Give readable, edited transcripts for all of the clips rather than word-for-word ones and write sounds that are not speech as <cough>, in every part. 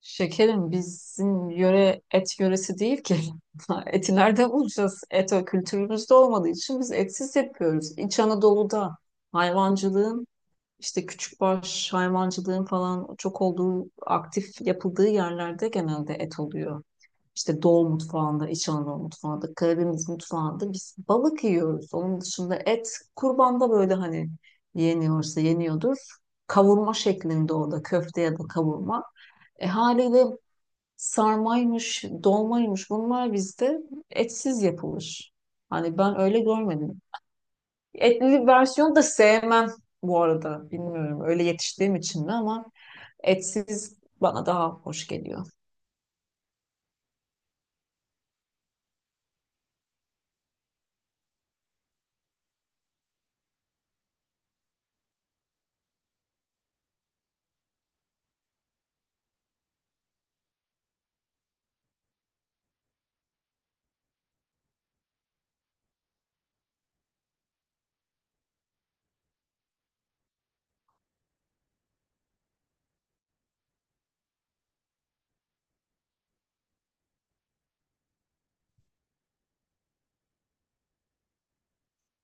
Şekerim bizim yöre et yöresi değil ki. <laughs> Eti nerede bulacağız? Et o kültürümüzde olmadığı için biz etsiz yapıyoruz. İç Anadolu'da hayvancılığın işte küçükbaş hayvancılığın falan çok olduğu aktif yapıldığı yerlerde genelde et oluyor. İşte Doğu mutfağında, İç Anadolu mutfağında, Karadeniz mutfağında biz balık yiyoruz. Onun dışında et kurbanda böyle hani yeniyorsa yeniyordur. Kavurma şeklinde orada köfte ya da kavurma. Haliyle sarmaymış, dolmaymış bunlar bizde etsiz yapılır. Hani ben öyle görmedim. Etli versiyonu da sevmem bu arada. Bilmiyorum öyle yetiştiğim için mi ama etsiz bana daha hoş geliyor.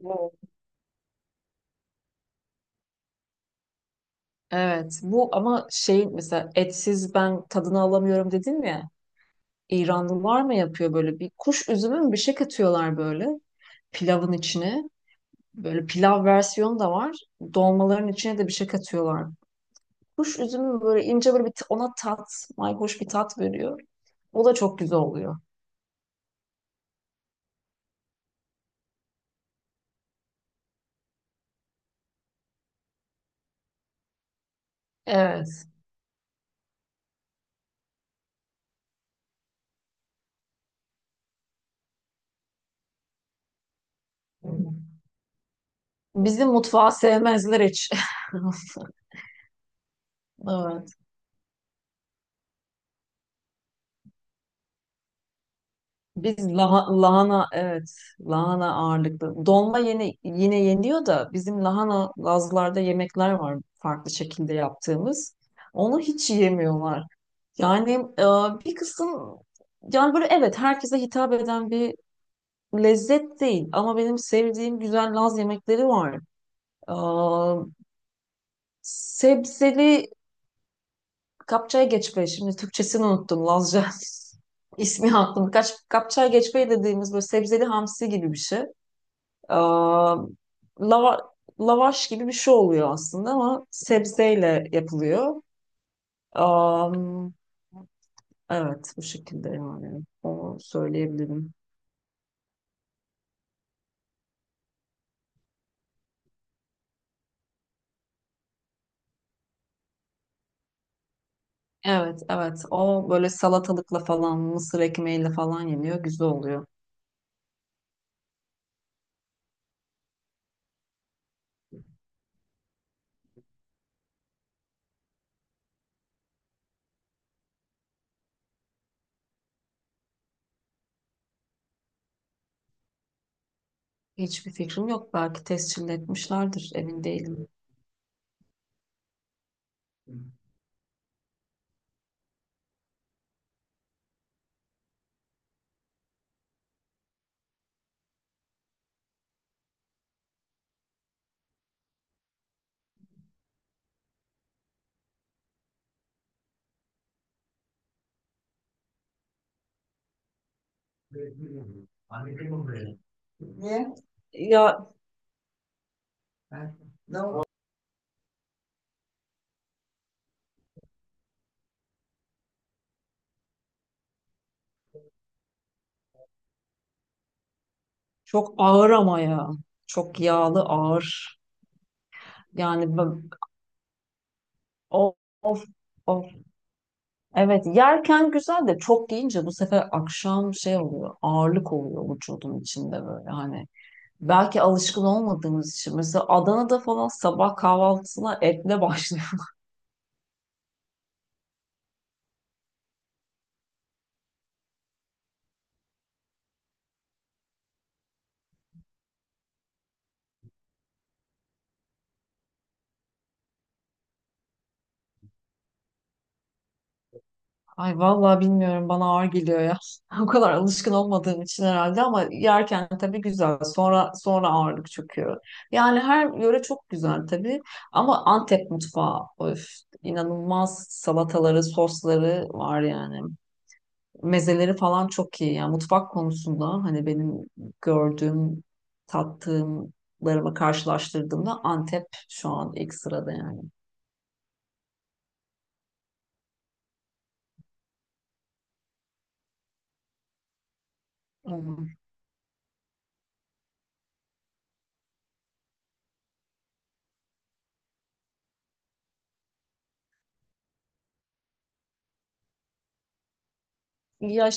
Bu- Evet bu ama şey mesela etsiz ben tadını alamıyorum dedim ya. İranlılar mı yapıyor böyle bir kuş üzümü mü bir şey katıyorlar böyle pilavın içine. Böyle pilav versiyonu da var. Dolmaların içine de bir şey katıyorlar. Kuş üzümü böyle ince böyle ona tat, mayhoş bir tat veriyor. O da çok güzel oluyor. Evet. Bizim mutfağı sevmezler hiç. <laughs> Evet. Biz lahana evet lahana ağırlıklı. Dolma yine yeniyor da bizim lahana Lazlarda yemekler var farklı şekilde yaptığımız. Onu hiç yemiyorlar. Yani e, bir kısım, yani böyle evet herkese hitap eden bir lezzet değil ama benim sevdiğim güzel Laz yemekleri var. E, Sebzeli kapçaya geçme, şimdi Türkçesini unuttum, Lazca <laughs> ismi aklımda. Kapçaya geçme dediğimiz böyle sebzeli hamsi gibi bir şey. E, lava, Lavaş gibi bir şey oluyor aslında ama sebzeyle yapılıyor. E, evet, bu şekilde yani onu söyleyebilirim. Evet, evet. O böyle salatalıkla falan, mısır ekmeğiyle falan yeniyor. Güzel oluyor. Hiçbir fikrim yok. Belki tescil etmişlerdir. Emin değilim. Ya çok ağır ama ya. Çok yağlı, ağır. Yani ben- Of, of, of. Evet, yerken güzel de çok yiyince bu sefer akşam şey oluyor. Ağırlık oluyor vücudun içinde böyle hani. Belki alışkın olmadığımız için. Mesela Adana'da falan sabah kahvaltısına etle başlıyor. Ay vallahi bilmiyorum bana ağır geliyor ya. <laughs> O kadar alışkın olmadığım için herhalde ama yerken tabii güzel. Sonra ağırlık çöküyor. Yani her yöre çok güzel tabii ama Antep mutfağı öf, inanılmaz salataları, sosları var yani. Mezeleri falan çok iyi. Yani mutfak konusunda hani benim gördüğüm, tattığımlarımı karşılaştırdığımda Antep şu an ilk sırada yani. Hmm. Ya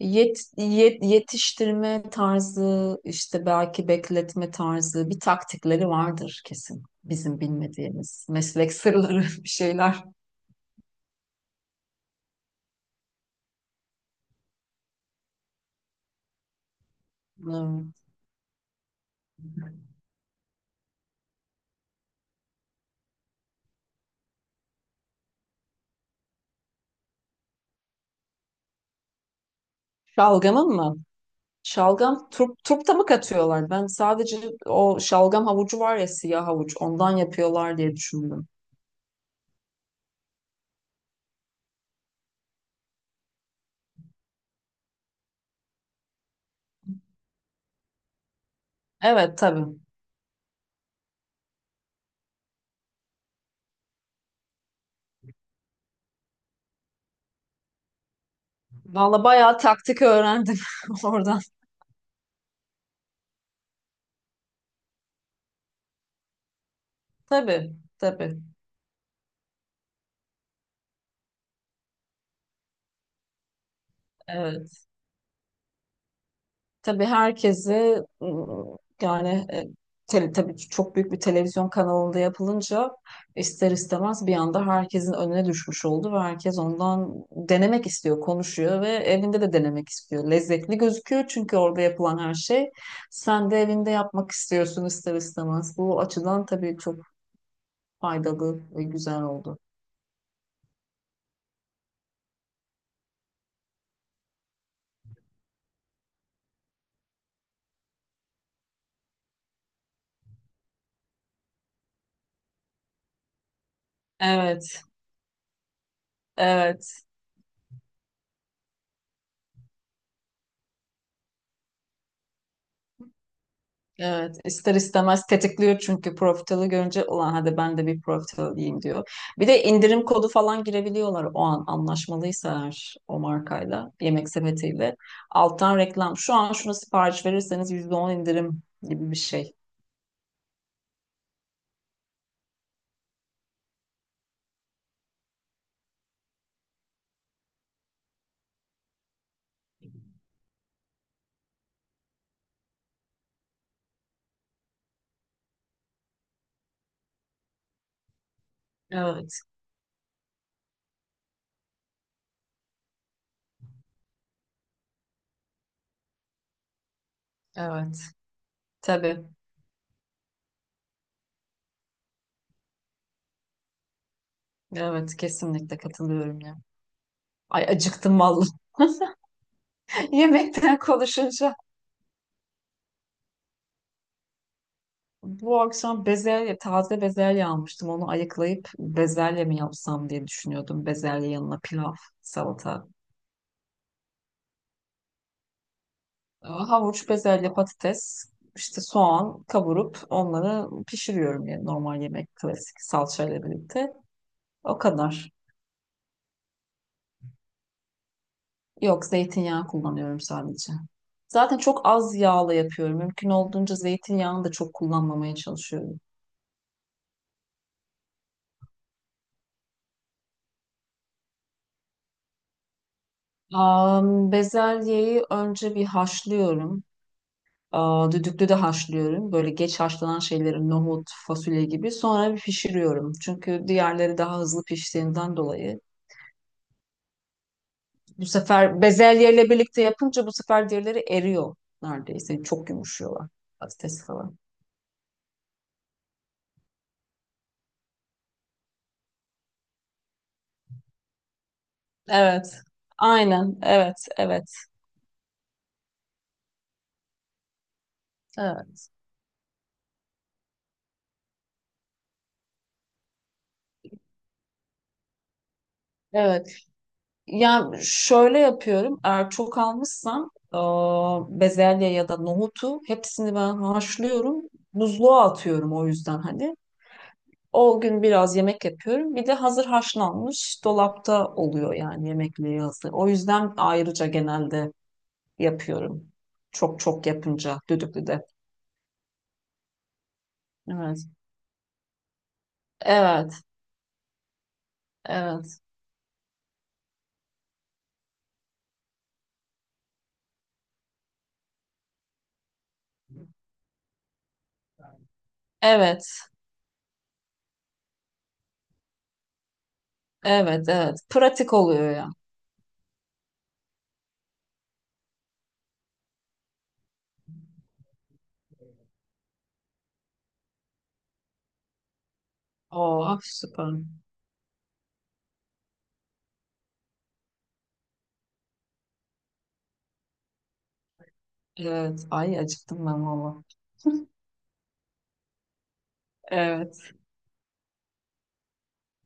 Yetiştirme tarzı, işte belki bekletme tarzı bir taktikleri vardır kesin. Bizim bilmediğimiz meslek sırları <laughs> bir şeyler. Hmm. Şalgamın mı? Şalgam turp, turpta mı katıyorlar? Ben sadece o şalgam havucu var ya, siyah havuç, ondan yapıyorlar diye düşündüm. Evet tabii. Valla bayağı taktik öğrendim <laughs> oradan. Tabii, tabii. Evet. Tabii herkesi tabii ki çok büyük bir televizyon kanalında yapılınca ister istemez bir anda herkesin önüne düşmüş oldu ve herkes ondan denemek istiyor, konuşuyor ve evinde de denemek istiyor. Lezzetli gözüküyor çünkü orada yapılan her şey. Sen de evinde yapmak istiyorsun ister istemez. Bu açıdan tabii çok faydalı ve güzel oldu. Evet, evet. Evet, ister istemez tetikliyor çünkü profitalı görünce ulan hadi ben de bir profitalıyım diyor. Bir de indirim kodu falan girebiliyorlar o an anlaşmalıysa eğer o markayla, yemek sepetiyle. Alttan reklam. Şu an şuna sipariş verirseniz %10 indirim gibi bir şey. Evet, evet. Tabii. Evet, kesinlikle katılıyorum ya. Ay acıktım vallahi. <laughs> Yemekten konuşunca. Bu akşam bezelye, taze bezelye almıştım. Onu ayıklayıp bezelye mi yapsam diye düşünüyordum. Bezelye yanına pilav, salata, havuç, bezelye, patates, işte soğan kavurup onları pişiriyorum yani normal yemek, klasik salçayla birlikte. O kadar. Yok, zeytinyağı kullanıyorum sadece. Zaten çok az yağla yapıyorum. Mümkün olduğunca zeytinyağını da çok kullanmamaya çalışıyorum. Bezelyeyi önce bir haşlıyorum. Aa, düdüklü de haşlıyorum. Böyle geç haşlanan şeyleri, nohut, fasulye gibi. Sonra bir pişiriyorum. Çünkü diğerleri daha hızlı piştiğinden dolayı. Bu sefer bezelyeyle birlikte yapınca bu sefer diğerleri eriyor neredeyse. Çok yumuşuyorlar. Patates falan. Evet. Aynen. Evet. Evet. Evet. Evet. Yani şöyle yapıyorum. Eğer çok almışsam aa, bezelye ya da nohutu hepsini ben haşlıyorum. Buzluğa atıyorum o yüzden hani. O gün biraz yemek yapıyorum. Bir de hazır haşlanmış dolapta oluyor yani yemekleri hazır. O yüzden ayrıca genelde yapıyorum. Çok yapınca düdüklüde. Evet. Evet, evet. Evet, evet, evet. Pratik oluyor ya. Oh, süper. Evet. Ay acıktım ben valla. <laughs> Evet.